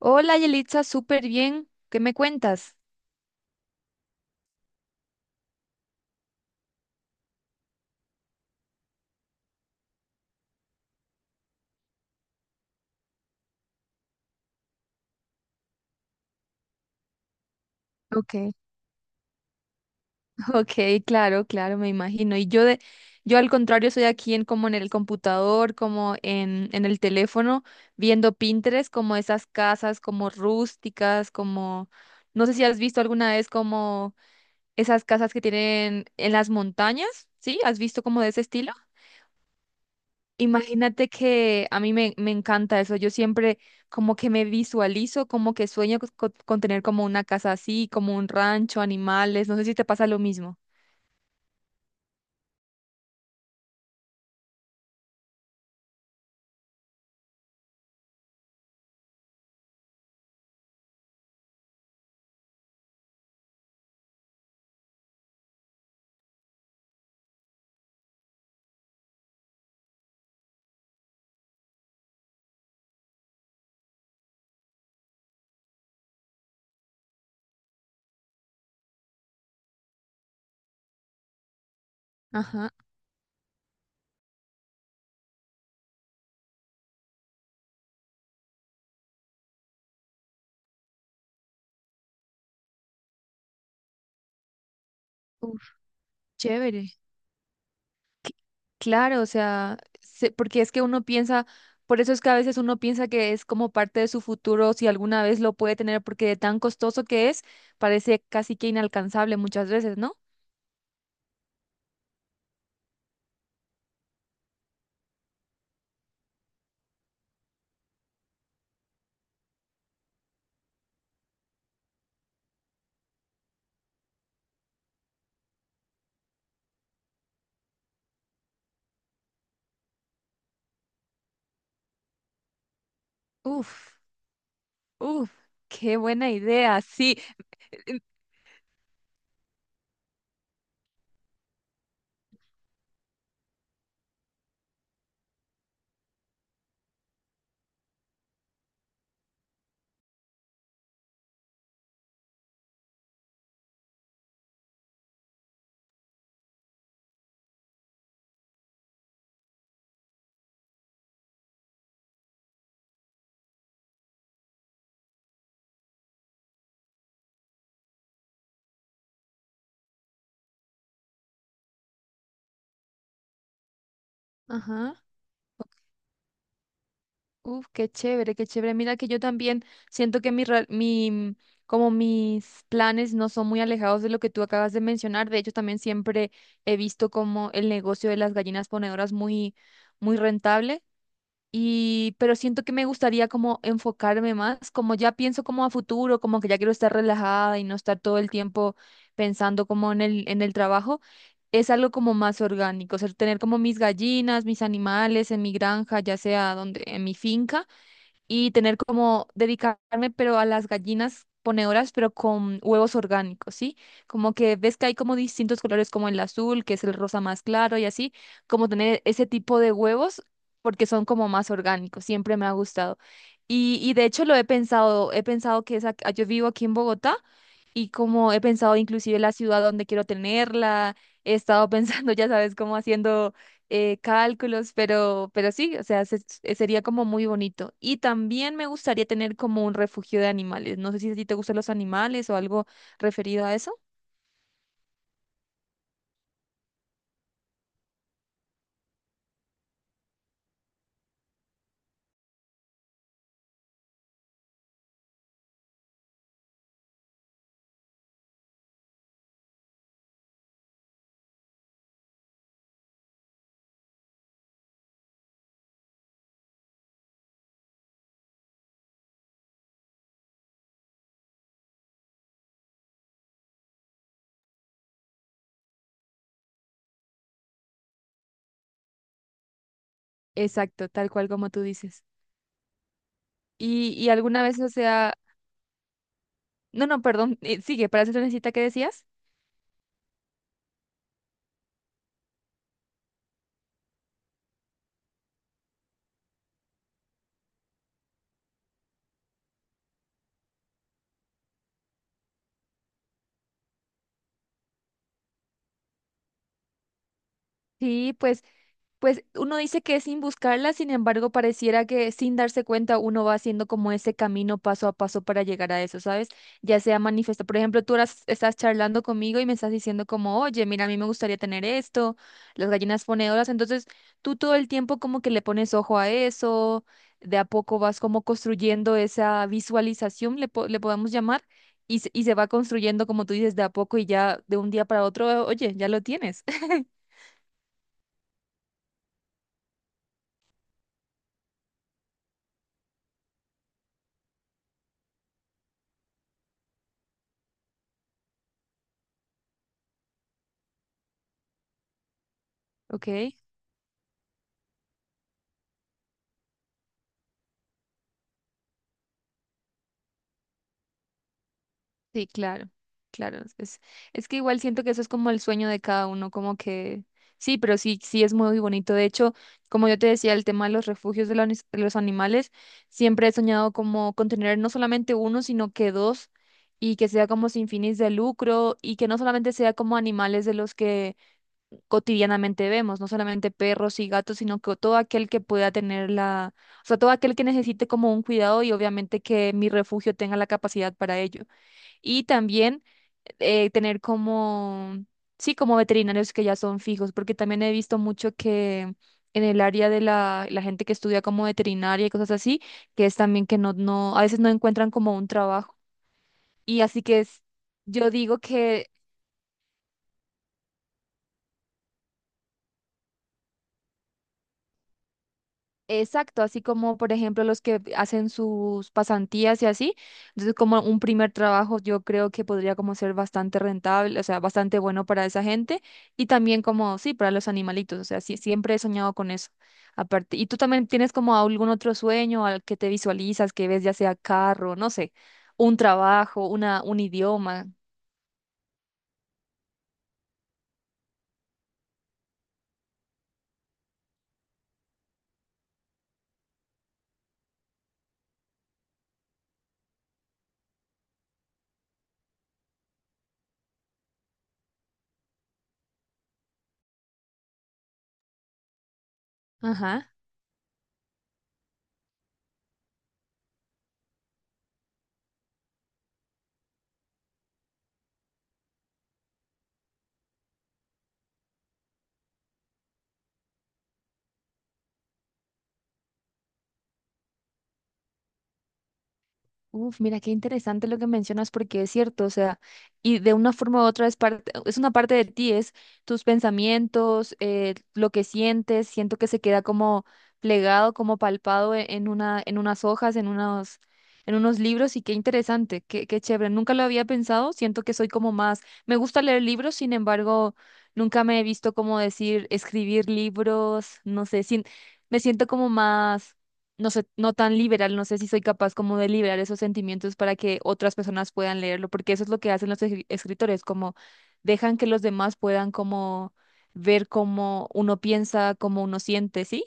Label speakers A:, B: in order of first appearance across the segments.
A: Hola, Yelitza, súper bien. ¿Qué me cuentas? Ok. Ok, claro, claro, me imagino. Yo al contrario soy aquí en como en el computador, como en el teléfono, viendo Pinterest, como esas casas como rústicas, como, no sé si has visto alguna vez como esas casas que tienen en las montañas, ¿sí? ¿Has visto como de ese estilo? Imagínate que a me encanta eso. Yo siempre como que me visualizo, como que sueño tener como una casa así, como un rancho, animales. No sé si te pasa lo mismo. Ajá. Uf, chévere. Cl- Claro, o sea, porque es que uno piensa, por eso es que a veces uno piensa que es como parte de su futuro, si alguna vez lo puede tener, porque de tan costoso que es, parece casi que inalcanzable muchas veces, ¿no? Uf, uf, qué buena idea. Sí. Ajá. Uf, qué chévere, qué chévere. Mira que yo también siento que como mis planes no son muy alejados de lo que tú acabas de mencionar. De hecho, también siempre he visto como el negocio de las gallinas ponedoras muy, muy rentable. Y pero siento que me gustaría como enfocarme más, como ya pienso como a futuro, como que ya quiero estar relajada y no estar todo el tiempo pensando como en el trabajo, es algo como más orgánico, o sea, tener como mis gallinas, mis animales en mi granja, ya sea donde, en mi finca, y tener como dedicarme, pero a las gallinas ponedoras, pero con huevos orgánicos, ¿sí? Como que ves que hay como distintos colores, como el azul, que es el rosa más claro y así, como tener ese tipo de huevos porque son como más orgánicos, siempre me ha gustado. Y de hecho lo he pensado que yo vivo aquí en Bogotá y como he pensado inclusive la ciudad donde quiero tenerla, he estado pensando, ya sabes, como haciendo cálculos, pero sí, o sea, sería como muy bonito. Y también me gustaría tener como un refugio de animales. No sé si a ti te gustan los animales o algo referido a eso. Exacto, tal cual como tú dices. Y alguna vez, o sea, no, no, perdón, sigue, para eso necesita que decías. Sí, pues. Pues uno dice que es sin buscarla, sin embargo, pareciera que sin darse cuenta uno va haciendo como ese camino paso a paso para llegar a eso, ¿sabes? Ya sea manifiesto. Por ejemplo, tú ahora estás charlando conmigo y me estás diciendo como, oye, mira, a mí me gustaría tener esto, las gallinas ponedoras. Entonces, tú todo el tiempo como que le pones ojo a eso, de a poco vas como construyendo esa visualización, le podemos llamar, y, y se va construyendo, como tú dices, de a poco y ya de un día para otro, oye, ya lo tienes. ¿Ok? Sí, claro, claro. Es que igual siento que eso es como el sueño de cada uno, como que sí, pero sí, sí es muy bonito. De hecho, como yo te decía, el tema de los refugios de de los animales, siempre he soñado como con tener no solamente uno, sino que dos, y que sea como sin fines de lucro, y que no solamente sea como animales de los que cotidianamente vemos, no solamente perros y gatos, sino que todo aquel que pueda tener la, o sea, todo aquel que necesite como un cuidado y obviamente que mi refugio tenga la capacidad para ello y también tener como, sí, como veterinarios que ya son fijos, porque también he visto mucho que en el área de la gente que estudia como veterinaria y cosas así, que es también que a veces no encuentran como un trabajo. Y así que es, yo digo que. Exacto, así como por ejemplo los que hacen sus pasantías y así. Entonces, como un primer trabajo, yo creo que podría como ser bastante rentable, o sea, bastante bueno para esa gente y también como, sí, para los animalitos, o sea, sí, siempre he soñado con eso. Aparte, ¿y tú también tienes como algún otro sueño al que te visualizas, que ves ya sea carro, no sé, un trabajo, una, un idioma? Ajá. Uf, mira qué interesante lo que mencionas porque es cierto, o sea, y de una forma u otra es parte, es una parte de ti, es tus pensamientos, lo que sientes, siento que se queda como plegado, como palpado en unas hojas, en unos libros y qué interesante, qué chévere. Nunca lo había pensado, siento que soy como más, me gusta leer libros, sin embargo, nunca me he visto como decir escribir libros, no sé, sin, me siento como más, no sé, no tan liberal, no sé si soy capaz como de liberar esos sentimientos para que otras personas puedan leerlo, porque eso es lo que hacen los escritores, como dejan que los demás puedan como ver cómo uno piensa, cómo uno siente, ¿sí?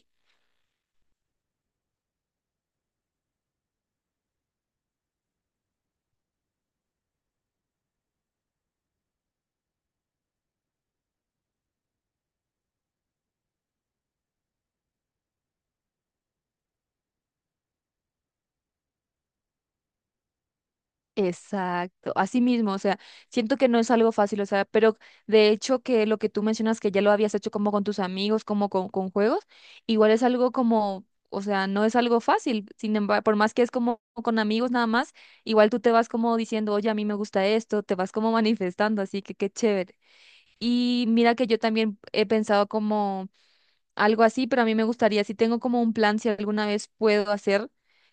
A: Exacto, así mismo, o sea, siento que no es algo fácil, o sea, pero de hecho que lo que tú mencionas que ya lo habías hecho como con tus amigos, como con juegos, igual es algo como, o sea, no es algo fácil, sin embargo, por más que es como con amigos nada más, igual tú te vas como diciendo, oye, a mí me gusta esto, te vas como manifestando, así que qué chévere. Y mira que yo también he pensado como algo así, pero a mí me gustaría, si tengo como un plan, si alguna vez puedo hacer,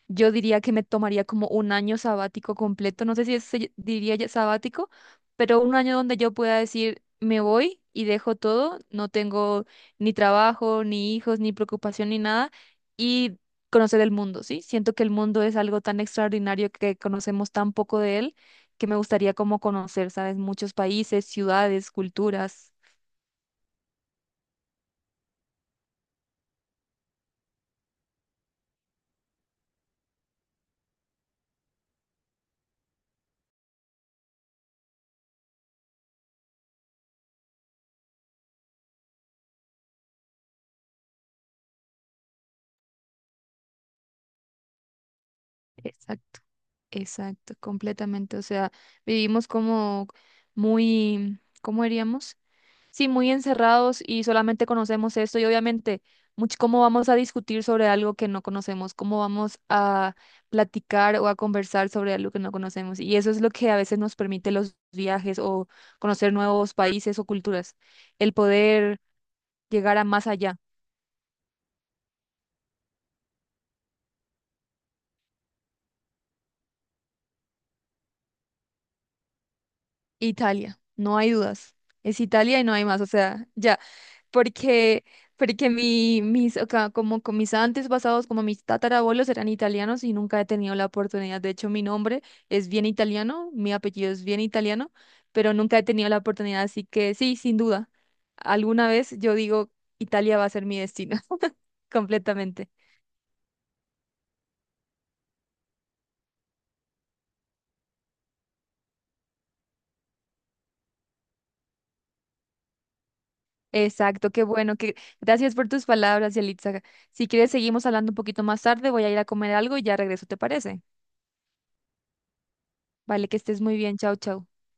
A: yo diría que me tomaría como un año sabático completo, no sé si diría ya sabático, pero un año donde yo pueda decir, me voy y dejo todo, no tengo ni trabajo, ni hijos, ni preocupación, ni nada, y conocer el mundo, ¿sí? Siento que el mundo es algo tan extraordinario que conocemos tan poco de él, que me gustaría como conocer, ¿sabes? Muchos países, ciudades, culturas. Exacto, completamente. O sea, vivimos como muy, ¿cómo diríamos? Sí, muy encerrados y solamente conocemos esto y obviamente, ¿cómo vamos a discutir sobre algo que no conocemos? ¿Cómo vamos a platicar o a conversar sobre algo que no conocemos? Y eso es lo que a veces nos permite los viajes o conocer nuevos países o culturas, el poder llegar a más allá. Italia, no hay dudas. Es Italia y no hay más, o sea, ya, porque, porque mi, mis, o ca- como con mis antepasados, como mis tatarabuelos eran italianos y nunca he tenido la oportunidad. De hecho, mi nombre es bien italiano, mi apellido es bien italiano, pero nunca he tenido la oportunidad, así que sí, sin duda, alguna vez yo digo, Italia va a ser mi destino, completamente. Exacto, qué bueno, que gracias por tus palabras, Yalitza. Si quieres, seguimos hablando un poquito más tarde, voy a ir a comer algo y ya regreso, ¿te parece? Vale, que estés muy bien. Chao, chao.